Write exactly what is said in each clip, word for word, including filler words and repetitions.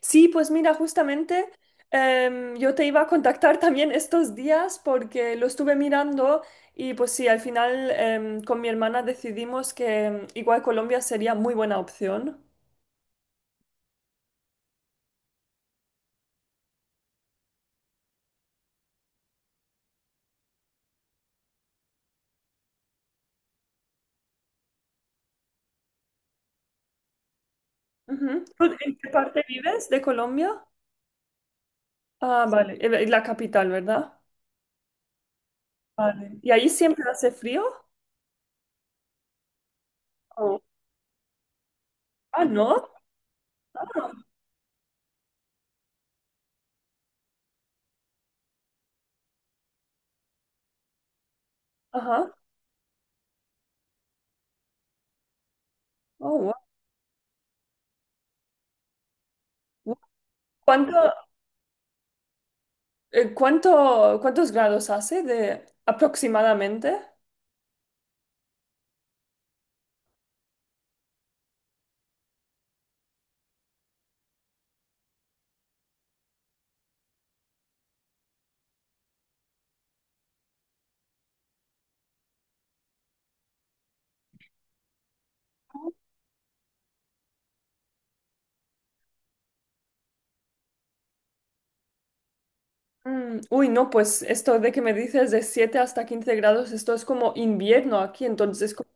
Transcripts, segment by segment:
Sí, pues mira, justamente em, yo te iba a contactar también estos días porque lo estuve mirando y pues sí, al final em, con mi hermana decidimos que em, igual Colombia sería muy buena opción. Ujú. ¿Tú ¿En qué parte vives de Colombia? Ah, vale, eh, la capital, ¿verdad? Vale. ¿Y ahí siempre hace frío? Oh. Ah, ¿no? Ajá. Oh, wow. Wow. ¿Cuánto, eh, cuánto, ¿cuántos grados hace de aproximadamente? Mm, uy, no, pues esto de que me dices de siete hasta quince grados, esto es como invierno aquí, entonces como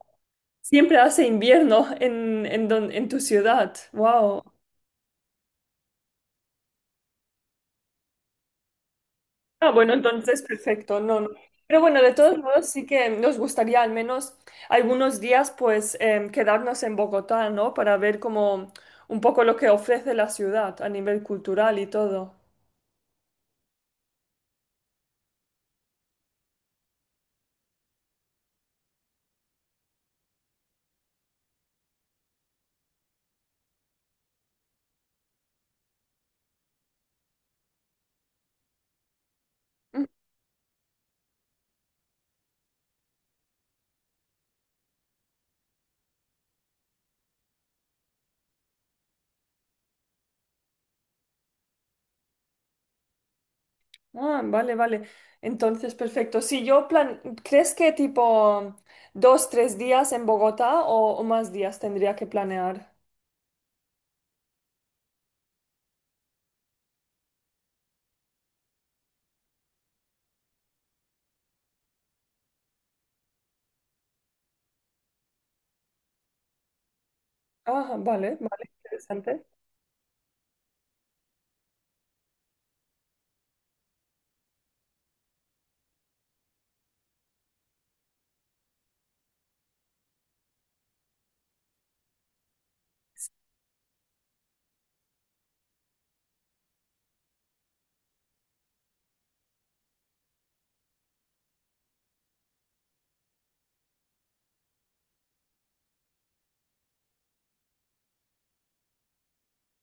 siempre hace invierno en, en, don- en tu ciudad. Wow. Ah, bueno, entonces perfecto, no, no. Pero bueno, de todos modos sí que nos gustaría al menos algunos días pues em, quedarnos en Bogotá, ¿no? Para ver como un poco lo que ofrece la ciudad a nivel cultural y todo. Ah, vale, vale. Entonces, perfecto. Si yo plan, ¿crees que tipo dos, tres días en Bogotá o, o más días tendría que planear? Ah, vale, vale, interesante.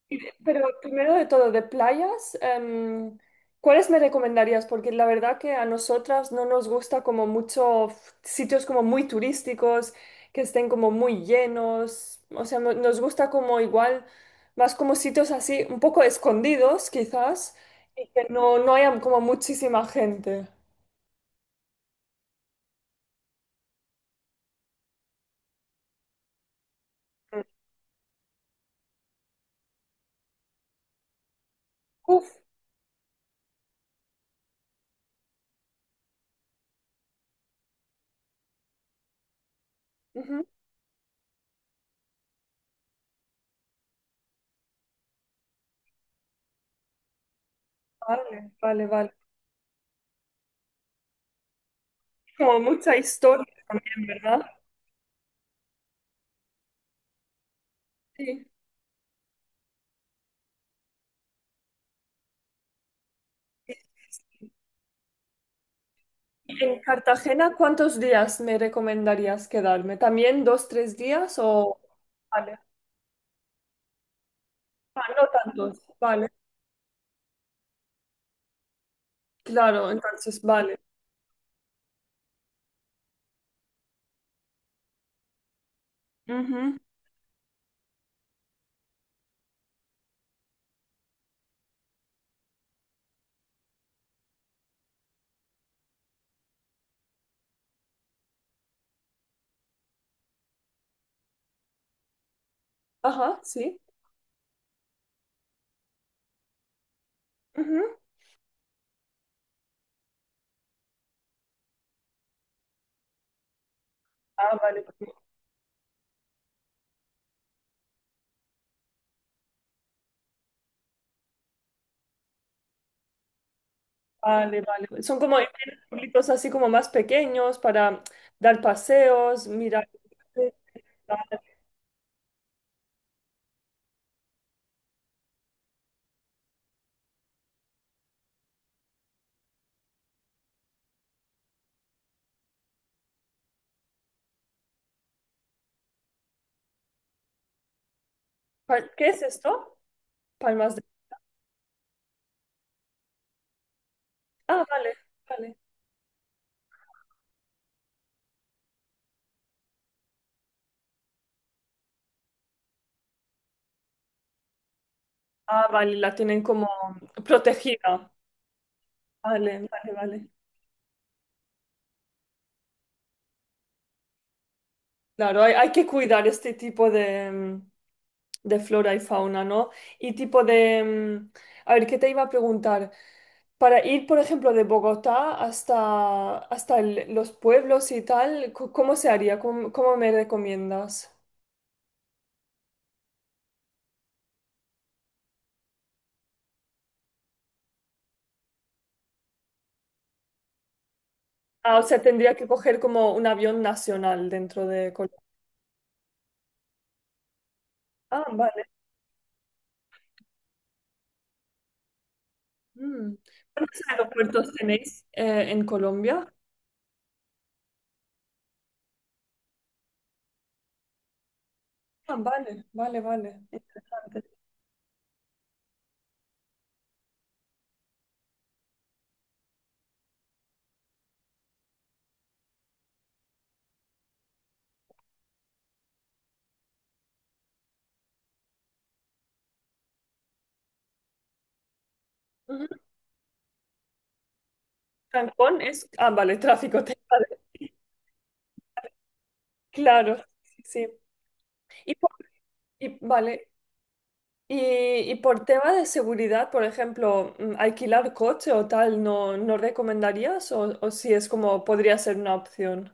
Y de- Pero primero de todo, de playas, em, ¿cuáles me recomendarías? Porque la verdad que a nosotras no nos gusta como mucho f- sitios como muy turísticos, que estén como muy llenos, o sea, no- nos gusta como igual, más como sitios así, un poco escondidos quizás, y que no, no haya como muchísima gente. Mm. Uf, ujú, vale, vale, vale. Como mucha historia también, ¿verdad? Sí. En Cartagena, ¿cuántos días me recomendarías quedarme? ¿También dos, tres días o...? Vale, ah, no tantos, vale. Claro, entonces, vale. Ujú. Ajá, sí. Ujú. Ah, vale, pues, vale, vale. Son como tienen pueblitos así como más pequeños para dar paseos, mirar. Vale. Pa- ¿Qué es esto? Palmas de... Ah, vale, vale. Ah, vale, la tienen como protegida. Vale, vale, vale. Claro, hay, hay que cuidar este tipo de, mm, de flora y fauna, ¿no? Y tipo de... mm, a ver, ¿qué te iba a preguntar? Para ir, por ejemplo, de Bogotá hasta, hasta el- los pueblos y tal, co- ¿cómo se haría? ¿Cómo, cómo me recomiendas? Ah, o sea, tendría que coger como un avión nacional dentro de Colombia. Ah, vale. Mm. ¿Cuántos aeropuertos tenéis eh, en Colombia? Ah, vale, vale, vale. Interesante. Cancún es. Ah, vale, tráfico. te- vale, claro, sí. Sí. Y por, y- vale. Y, y por tema de seguridad, por ejemplo, mm, alquilar coche o tal, ¿no, no recomendarías? O, o si es como podría ser una opción.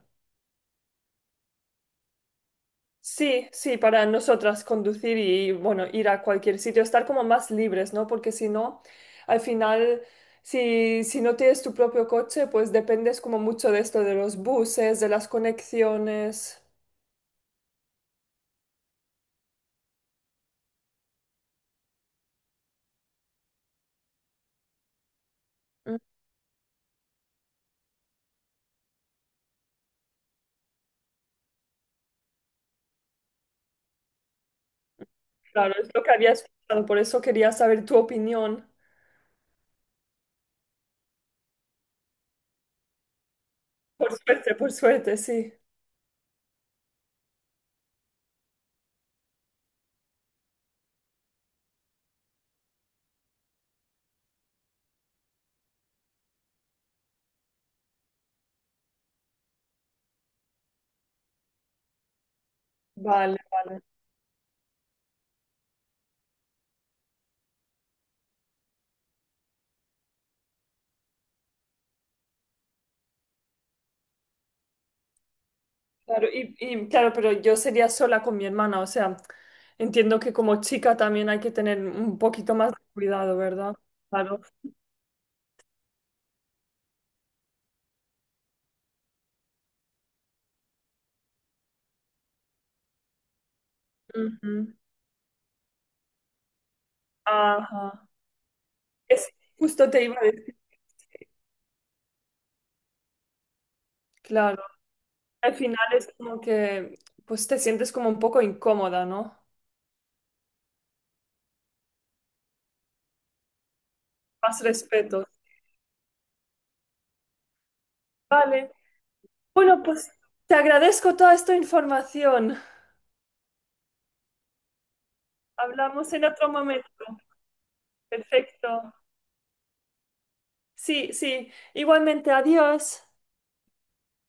Sí, sí, para nosotras conducir y, bueno, ir a cualquier sitio, estar como más libres, ¿no? Porque si no, al final, si, si no tienes tu propio coche, pues dependes como mucho de esto, de los buses, de las conexiones. Claro, es lo que habías pensado, por eso quería saber tu opinión. Por suerte, por suerte, sí. Vale, vale. Claro, y, y, claro, pero yo sería sola con mi hermana, o sea, entiendo que como chica también hay que tener un poquito más de cuidado, ¿verdad? Claro. Ujú. Ajá. Es, justo te iba a decir, claro. Al final es como que, pues te sientes como un poco incómoda, ¿no? Más respeto. Vale. Bueno, pues te agradezco toda esta información. Hablamos en otro momento. Perfecto. Sí, sí. Igualmente, adiós.